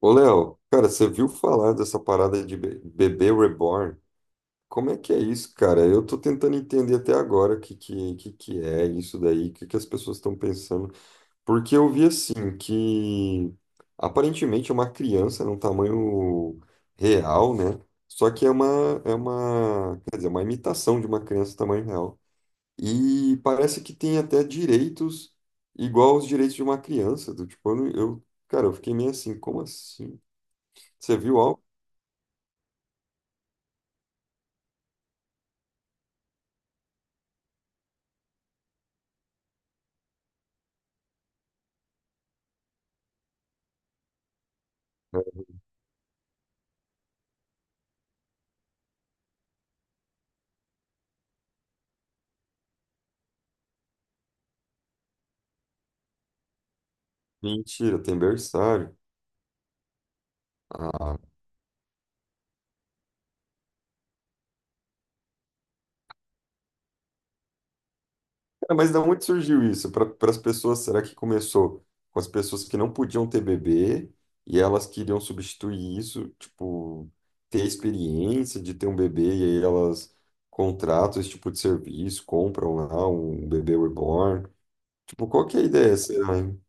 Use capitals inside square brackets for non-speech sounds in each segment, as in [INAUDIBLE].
Ô, Léo, cara, você viu falar dessa parada de bebê reborn? Como é que é isso, cara? Eu tô tentando entender até agora o que é isso daí, o que, que as pessoas estão pensando. Porque eu vi assim que aparentemente é uma criança num tamanho real, né? Só que é uma, quer dizer, é uma imitação de uma criança tamanho real. E parece que tem até direitos igual aos direitos de uma criança. Do, tipo, eu, não- eu- cara, eu fiquei meio assim, como assim? Você viu algo? Mentira, tem berçário. Ah, cara, mas da onde surgiu isso? Para as pessoas, será que começou com as pessoas que não podiam ter bebê e elas queriam substituir isso, tipo, ter a experiência de ter um bebê e aí elas contratam esse tipo de serviço, compram lá um bebê reborn. Tipo, qual que é a ideia, será, hein?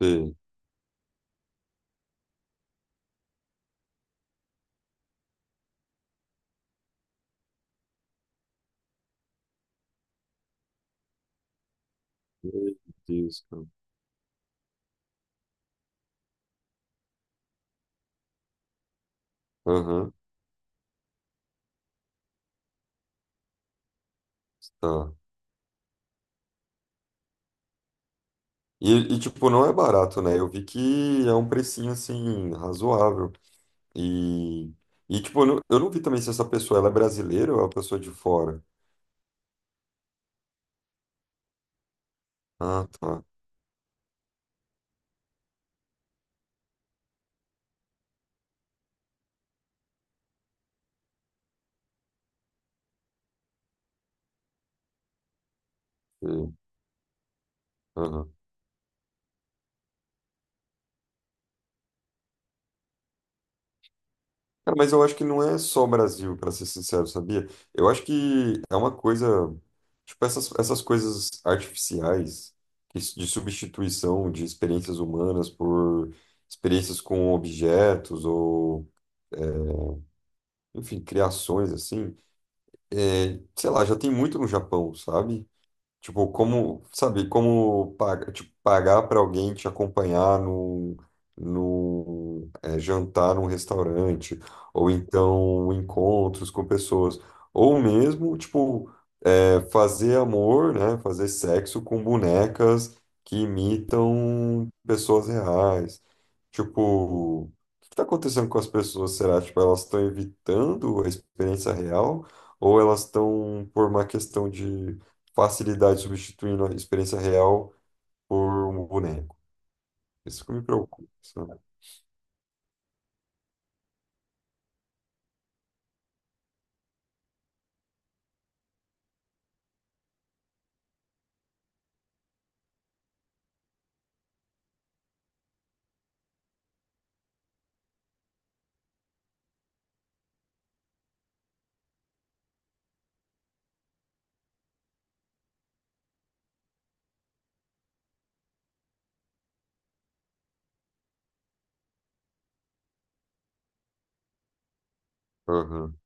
Sim. Meu Deus, cara. Aham, tá. E, tipo, não é barato, né? Eu vi que é um precinho, assim, razoável. E, e tipo, eu não vi também se essa pessoa ela é brasileira ou é uma pessoa de fora. Ah, tá. Sei. Aham. Cara, mas eu acho que não é só o Brasil, para ser sincero, sabia? Eu acho que é uma coisa, tipo, essas coisas artificiais de substituição de experiências humanas por experiências com objetos ou, enfim, criações assim. É, sei lá, já tem muito no Japão, sabe? Tipo, como, sabe, como pagar, tipo, pagar para alguém te acompanhar num, jantar num restaurante, ou então encontros com pessoas, ou mesmo, tipo, é fazer amor, né? Fazer sexo com bonecas que imitam pessoas reais. Tipo, o que está acontecendo com as pessoas? Será? Tipo, elas estão evitando a experiência real ou elas estão, por uma questão de facilidade, substituindo a experiência real por um boneco? Isso que me preocupa, sabe? Aham,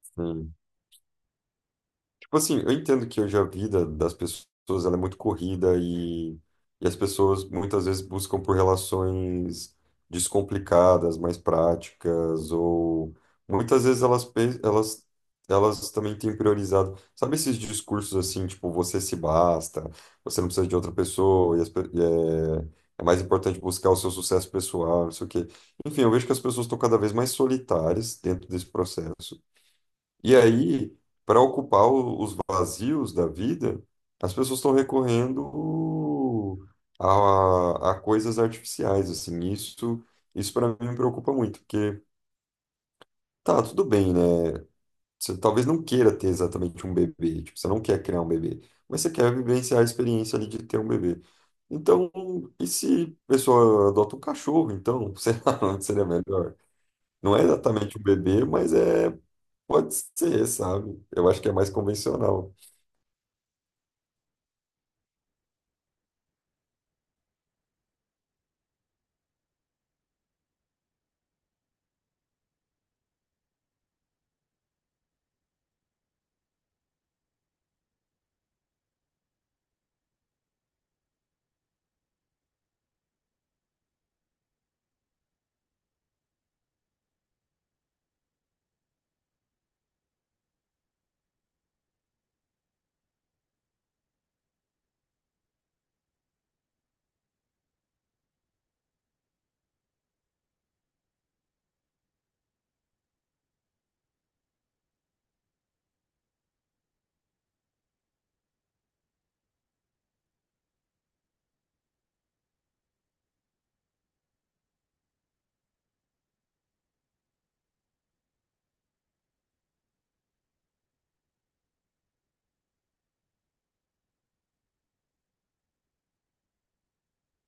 sim. Tipo assim, eu entendo que hoje a vida das pessoas ela é muito corrida e as pessoas muitas vezes buscam por relações descomplicadas, mais práticas, ou muitas vezes elas, elas também têm priorizado. Sabe esses discursos assim, tipo, você se basta, você não precisa de outra pessoa, e, as pe- e é, é mais importante buscar o seu sucesso pessoal, não sei o quê. Enfim, eu vejo que as pessoas estão cada vez mais solitárias dentro desse processo. E aí, para ocupar os vazios da vida, as pessoas estão recorrendo a coisas artificiais, assim. Isso, isso para mim me preocupa muito, porque tá, tudo bem, né? Você talvez não queira ter exatamente um bebê, tipo, você não quer criar um bebê, mas você quer vivenciar a experiência ali de ter um bebê. Então, e se a pessoa adota um cachorro, então, [LAUGHS] sei lá, não seria melhor? Não é exatamente um bebê, mas é, pode ser, sabe? Eu acho que é mais convencional.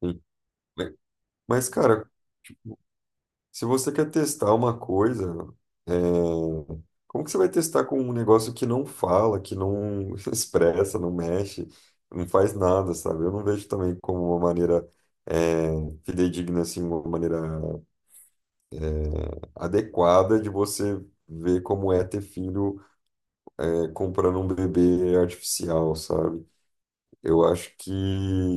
Sim. Mas, mas, cara, se você quer testar uma coisa, é, como que você vai testar com um negócio que não fala, que não [LAUGHS] expressa, não mexe, não faz nada, sabe? Eu não vejo também como uma maneira é, fidedigna, assim, uma maneira adequada de você ver como é ter filho é, comprando um bebê artificial, sabe? Eu acho que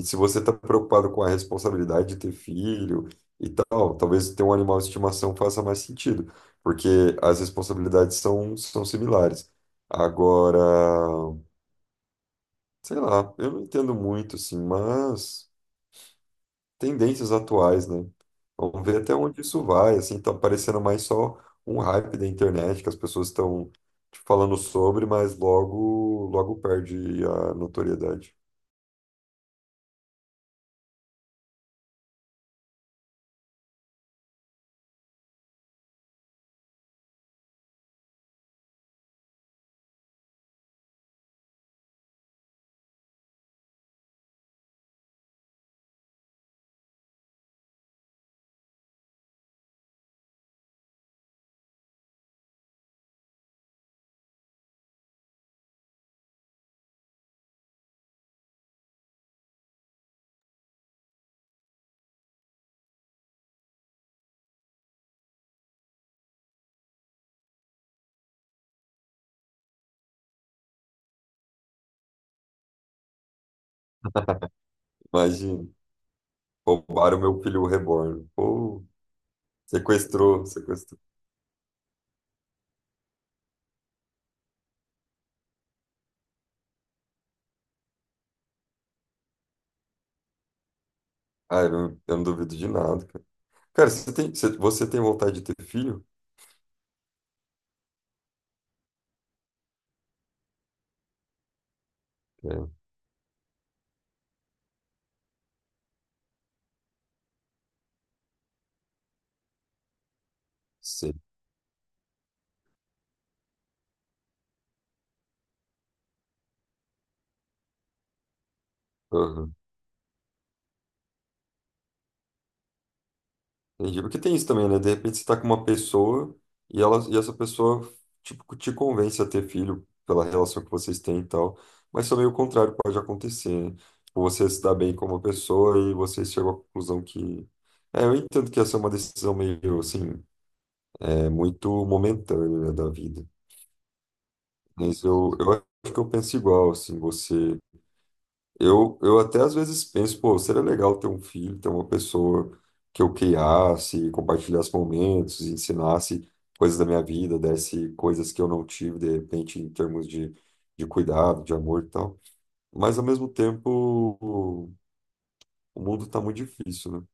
se você está preocupado com a responsabilidade de ter filho e tal, talvez ter um animal de estimação faça mais sentido, porque as responsabilidades são similares. Agora, sei lá, eu não entendo muito, assim, mas tendências atuais, né? Vamos ver até onde isso vai, assim, tá parecendo mais só um hype da internet que as pessoas estão falando sobre, mas logo, logo perde a notoriedade. Imagina. Roubaram meu filho reborn. Pô, sequestrou, sequestrou. Ah, eu não duvido de nada, cara. Cara, você tem vontade de ter filho? É, sei. Aham. Entendi. Porque tem isso também, né? De repente você tá com uma pessoa e essa pessoa, tipo, te convence a ter filho pela relação que vocês têm e tal. Mas também o contrário pode acontecer, né? Tipo, você se dá bem com uma pessoa e você chegou à conclusão que... É, eu entendo que essa é uma decisão meio, assim, é muito momentânea, né, da vida. Mas eu acho que eu penso igual, assim, você. Eu até às vezes penso, pô, seria legal ter um filho, ter uma pessoa que eu criasse, compartilhasse momentos, ensinasse coisas da minha vida, desse coisas que eu não tive, de repente, em termos de cuidado, de amor e tal. Mas ao mesmo tempo, o mundo tá muito difícil, né?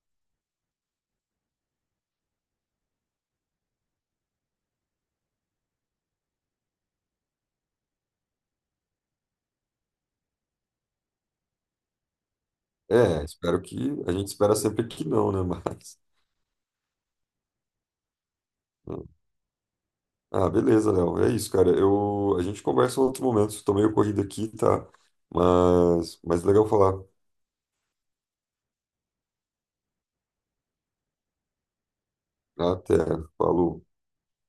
É, espero que. A gente espera sempre que não, né? [LAUGHS] Mas. Ah, beleza, Léo. É isso, cara. Eu, a gente conversa em outro momento. Estou meio corrido aqui, tá? Mas legal falar. Até. Falou.